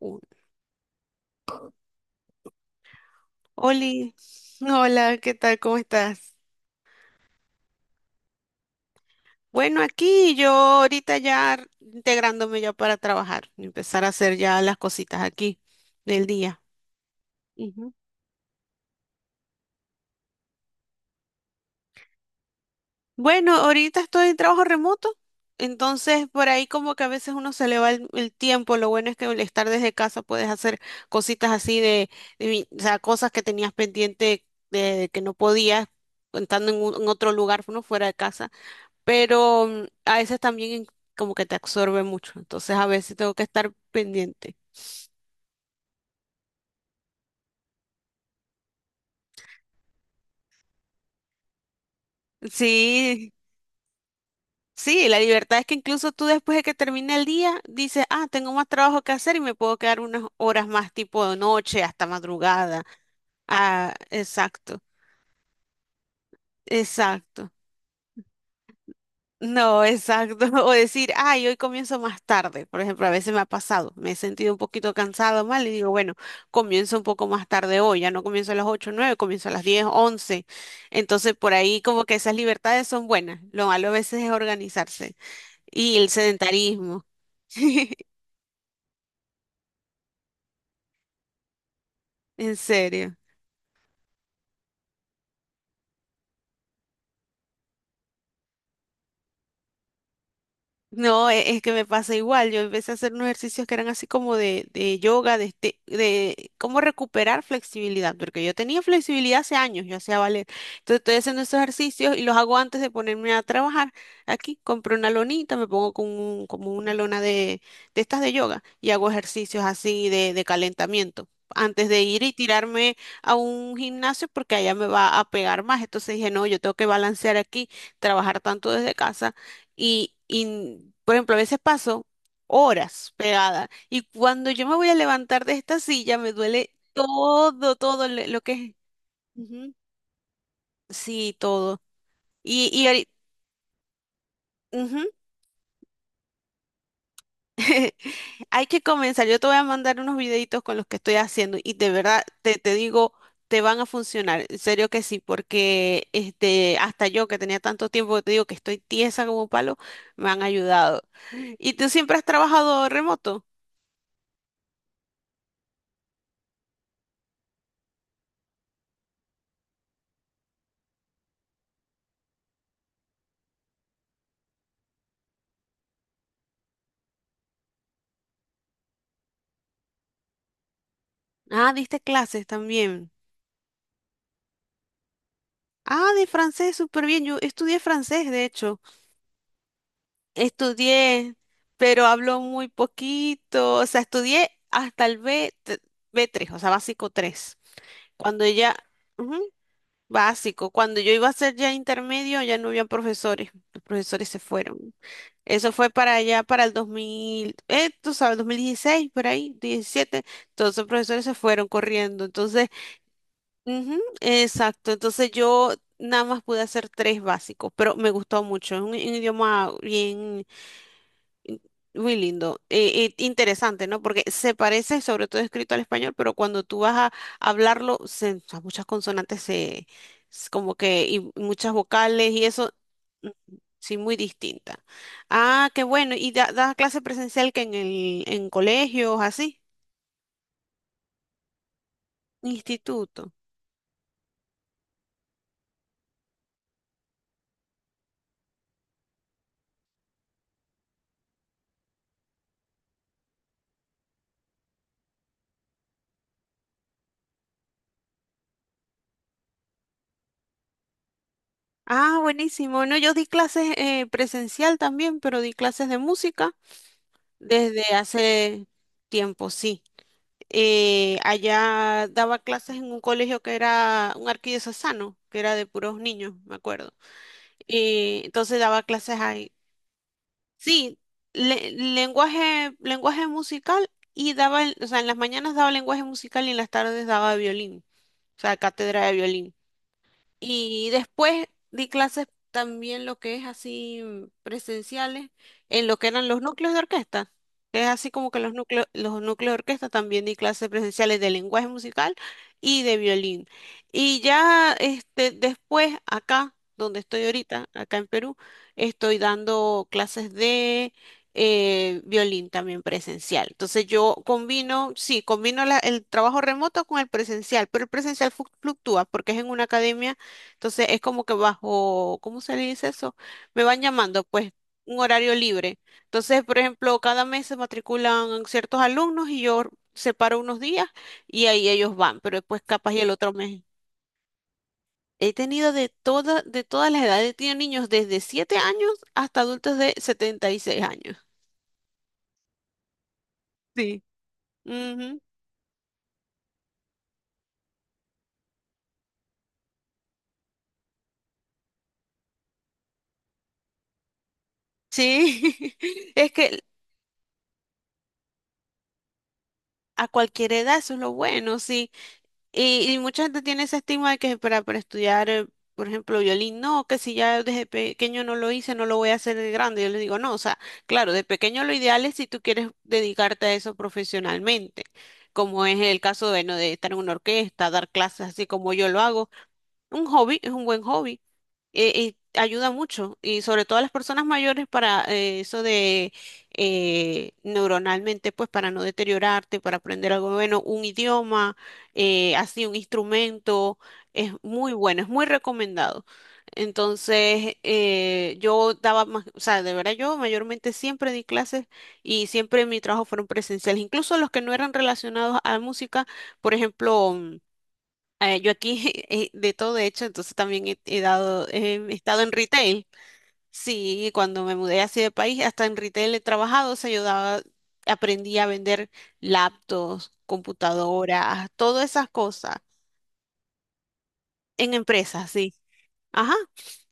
Un- Oli, hola, ¿qué tal? ¿Cómo estás? Bueno, aquí yo ahorita ya integrándome ya para trabajar, empezar a hacer ya las cositas aquí del día. Ujú. Bueno, ahorita estoy en trabajo remoto, entonces por ahí como que a veces uno se le va el tiempo, lo bueno es que al estar desde casa puedes hacer cositas así de, o sea, cosas que tenías pendiente de, que no podías, estando en en otro lugar, uno fuera de casa. Pero a veces también como que te absorbe mucho, entonces a veces tengo que estar pendiente. Sí, sí, la libertad es que incluso tú después de que termine el día dices, ah, tengo más trabajo que hacer y me puedo quedar unas horas más tipo de noche hasta madrugada. Ah, exacto, exacto. No, exacto. O decir, ay, hoy comienzo más tarde. Por ejemplo, a veces me ha pasado, me he sentido un poquito cansado mal y digo, bueno, comienzo un poco más tarde hoy, ya no comienzo a las 8 9, comienzo a las 10 11. Entonces, por ahí como que esas libertades son buenas. Lo malo a veces es organizarse y el sedentarismo. En serio. No, es que me pasa igual. Yo empecé a hacer unos ejercicios que eran así como de, yoga, de cómo recuperar flexibilidad, porque yo tenía flexibilidad hace años, yo hacía ballet. Entonces estoy haciendo esos ejercicios y los hago antes de ponerme a trabajar. Aquí compro una lonita, me pongo con como una lona de, estas de yoga y hago ejercicios así de calentamiento. Antes de ir y tirarme a un gimnasio porque allá me va a pegar más. Entonces dije, no, yo tengo que balancear aquí, trabajar tanto desde casa y, por ejemplo, a veces paso horas pegada y cuando yo me voy a levantar de esta silla me duele todo lo que es. Ujú. Sí, todo. Y, y ahori- ujú, Hay que comenzar. Yo te voy a mandar unos videitos con los que estoy haciendo y de verdad te digo, te van a funcionar. En serio que sí, porque este, hasta yo que tenía tanto tiempo que te digo que estoy tiesa como un palo, me han ayudado. ¿Y tú siempre has trabajado remoto? Ah, diste clases también. Ah, de francés, súper bien. Yo estudié francés, de hecho. Estudié, pero hablo muy poquito. O sea, estudié hasta el B 3, o sea, básico tres. Cuando ya, ujú, básico, cuando yo iba a hacer ya intermedio, ya no había profesores. Los profesores se fueron. Eso fue para allá, para el 2000, tú sabes, 2016 por ahí, diecisiete. Todos los profesores se fueron corriendo. Entonces, ujú, exacto, entonces yo nada más pude hacer tres básicos, pero me gustó mucho, es un idioma bien, in- muy lindo, interesante, ¿no? Porque se parece, sobre todo escrito al español, pero cuando tú vas a hablarlo, o sea, muchas consonantes como que, y muchas vocales y eso, ujú, sí, muy distinta. Ah, qué bueno, y da, da clase presencial que en colegios, así, instituto. Ah, buenísimo. No, yo di clases presencial también, pero di clases de música desde hace tiempo, sí. Allá daba clases en un colegio que era un arquidiocesano, que era de puros niños, me acuerdo. Entonces daba clases ahí. Sí, lenguaje, lenguaje musical y daba, o sea, en las mañanas daba lenguaje musical y en las tardes daba violín, o sea, cátedra de violín. Y después di clases también lo que es así presenciales en lo que eran los núcleos de orquesta. Que es así como que los núcleos de orquesta también di clases presenciales de lenguaje musical y de violín. Y ya este, después acá, donde estoy ahorita, acá en Perú, estoy dando clases de violín también presencial. Entonces yo combino, sí, combino el trabajo remoto con el presencial, pero el presencial fluctúa porque es en una academia, entonces es como que bajo, ¿cómo se le dice eso? Me van llamando, pues, un horario libre. Entonces, por ejemplo, cada mes se matriculan ciertos alumnos y yo separo unos días y ahí ellos van, pero después capaz y el otro mes. He tenido de todas las edades, he tenido niños desde 7 años hasta adultos de 76 años. Sí. Ujú. Sí, es que a cualquier edad eso es lo bueno, sí. Y mucha gente tiene ese estigma de que para estudiar, por ejemplo, violín, no, que si ya desde pequeño no lo hice, no lo voy a hacer de grande. Yo les digo, no, o sea, claro, de pequeño lo ideal es si tú quieres dedicarte a eso profesionalmente, como es el caso, bueno, de estar en una orquesta, dar clases así como yo lo hago. Un hobby es un buen hobby y ayuda mucho, y sobre todo a las personas mayores para eso de neuronalmente, pues para no deteriorarte, para aprender algo bueno, un idioma, así un instrumento, es muy bueno, es muy recomendado. Entonces, yo daba más, o sea, de verdad yo mayormente siempre di clases y siempre mi trabajo fueron presenciales, incluso los que no eran relacionados a música, por ejemplo yo aquí de todo, de hecho, entonces también he dado, he estado en retail. Sí, cuando me mudé así de país, hasta en retail he trabajado, o sea, yo aprendí a vender laptops, computadoras, todas esas cosas en empresas, sí. Ajá,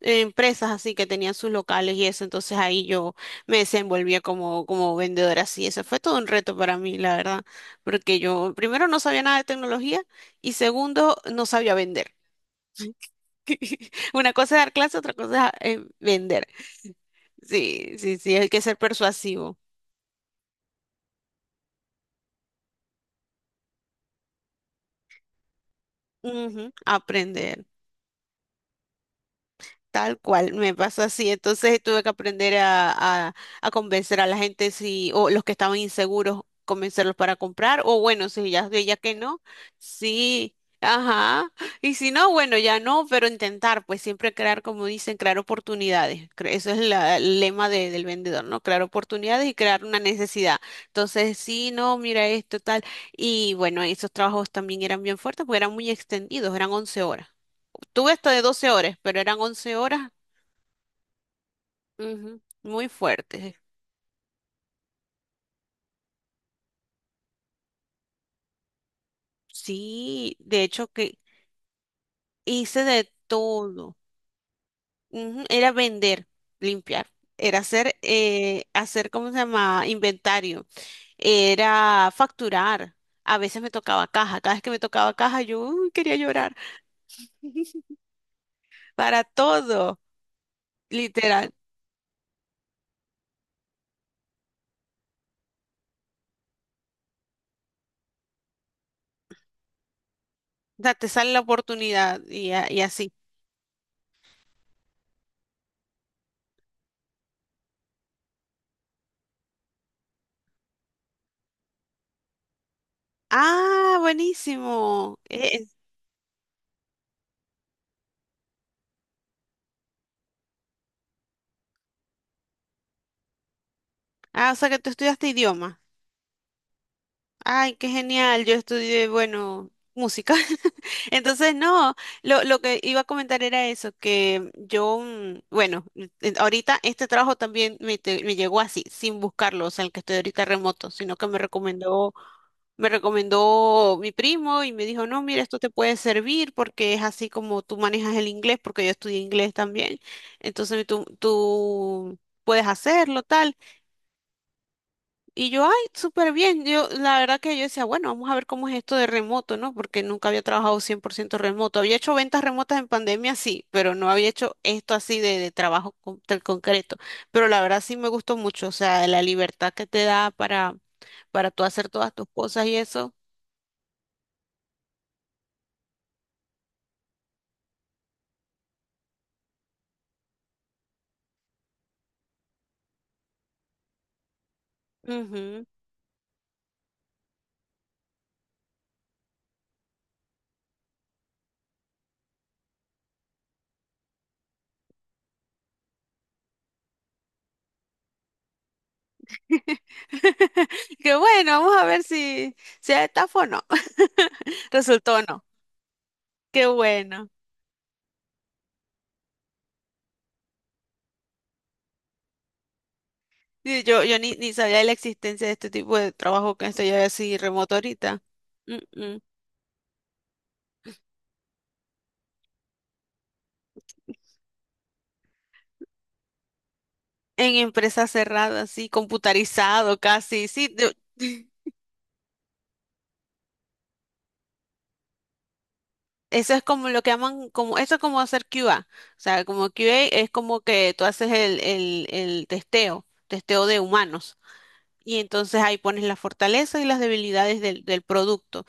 en empresas así que tenían sus locales y eso, entonces ahí yo me desenvolvía como, como vendedora, así eso fue todo un reto para mí, la verdad, porque yo primero no sabía nada de tecnología y segundo no sabía vender. Una cosa es dar clase, otra cosa es vender. Sí, sí, sí, hay que ser persuasivo. Ujú, aprender. Tal cual, me pasó así. Entonces tuve que aprender a convencer a la gente si, o los que estaban inseguros, convencerlos para comprar, o bueno, si ya, ya que no, sí, ajá. Y si no, bueno, ya no, pero intentar, pues siempre crear, como dicen, crear oportunidades. Eso es el lema del vendedor, ¿no? Crear oportunidades y crear una necesidad. Entonces, sí, no, mira esto, tal. Y bueno, esos trabajos también eran bien fuertes porque eran muy extendidos, eran 11 horas. Tuve hasta de 12 horas, pero eran 11 horas. Ujú, muy fuerte. Sí, de hecho que hice de todo. Ujú, era vender, limpiar, era hacer, hacer, ¿cómo se llama? Inventario, era facturar. A veces me tocaba caja. Cada vez que me tocaba caja, yo uy, quería llorar. Para todo, literal. O sea, te sale la oportunidad y, y así. Ah, buenísimo. Ah, o sea que tú estudiaste idioma. Ay, qué genial. Yo estudié, bueno, música. Entonces, no, lo que iba a comentar era eso, que yo, bueno, ahorita este trabajo también me llegó así, sin buscarlo, o sea, el que estoy ahorita remoto, sino que me recomendó mi primo y me dijo, no, mira, esto te puede servir porque es así como tú manejas el inglés, porque yo estudié inglés también. Entonces, tú puedes hacerlo, tal. Y yo, ay, súper bien. Yo, la verdad que yo decía, bueno, vamos a ver cómo es esto de remoto, ¿no? Porque nunca había trabajado 100% remoto. Había hecho ventas remotas en pandemia, sí, pero no había hecho esto así de trabajo tan concreto. Pero la verdad sí me gustó mucho, o sea, la libertad que te da para tú hacer todas tus cosas y eso. Ujú. Qué bueno, vamos a ver si, si es estafa o no. Resultó o no. Qué bueno. Sí, yo ni sabía de la existencia de este tipo de trabajo que estoy así remoto ahorita. Mm, mm. En empresas cerradas, así, computarizado casi. Sí, eso es como lo que llaman, como, eso es como hacer QA. O sea, como QA es como que tú haces el testeo, testeo de humanos. Y entonces ahí pones las fortalezas y las debilidades del producto.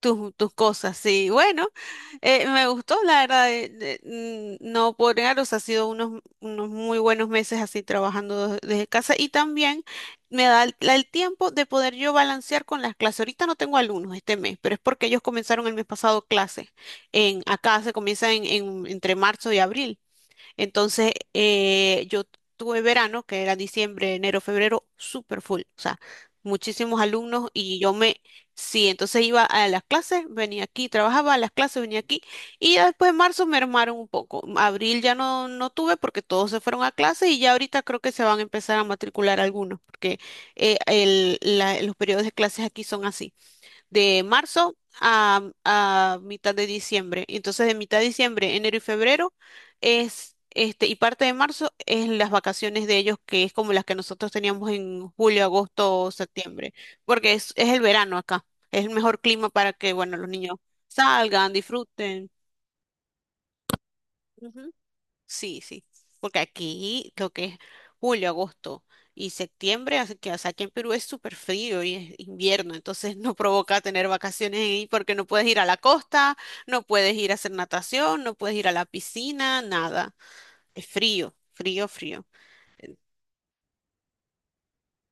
Tus, tus cosas, sí. Bueno, me gustó, la verdad, no por negar, o sea, ha sido unos muy buenos meses así trabajando desde casa y también me da el, el tiempo de poder yo balancear con las clases. Ahorita no tengo alumnos este mes, pero es porque ellos comenzaron el mes pasado clases. Acá se comienza entre marzo y abril. Entonces, yo tuve verano, que era diciembre, enero, febrero, súper full, o sea, muchísimos alumnos y yo sí, entonces iba a las clases, venía aquí, trabajaba a las clases, venía aquí y ya después en marzo me armaron un poco. Abril ya no, no tuve porque todos se fueron a clases y ya ahorita creo que se van a empezar a matricular algunos, porque los periodos de clases aquí son así de marzo a mitad de diciembre. Entonces, de mitad de diciembre, enero y febrero es este, y parte de marzo es las vacaciones de ellos, que es como las que nosotros teníamos en julio, agosto, septiembre, porque es el verano acá. Es el mejor clima para que, bueno, los niños salgan, disfruten. Sí, sí, porque aquí lo que es julio, agosto y septiembre, hace que, o sea, aquí en Perú es súper frío y es invierno, entonces no provoca tener vacaciones ahí porque no puedes ir a la costa, no puedes ir a hacer natación, no puedes ir a la piscina, nada. Es frío, frío, frío.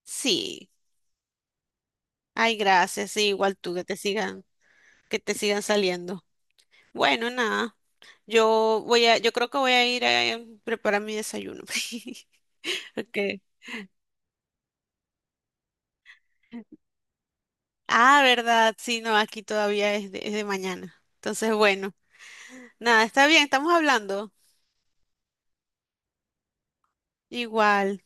Sí, ay, gracias, sí, igual tú que te sigan saliendo. Bueno, nada. Yo voy a, yo creo que voy a ir a preparar mi desayuno. Porque ah, verdad, sí, no, aquí todavía es de mañana. Entonces, bueno, nada, está bien, estamos hablando. Igual.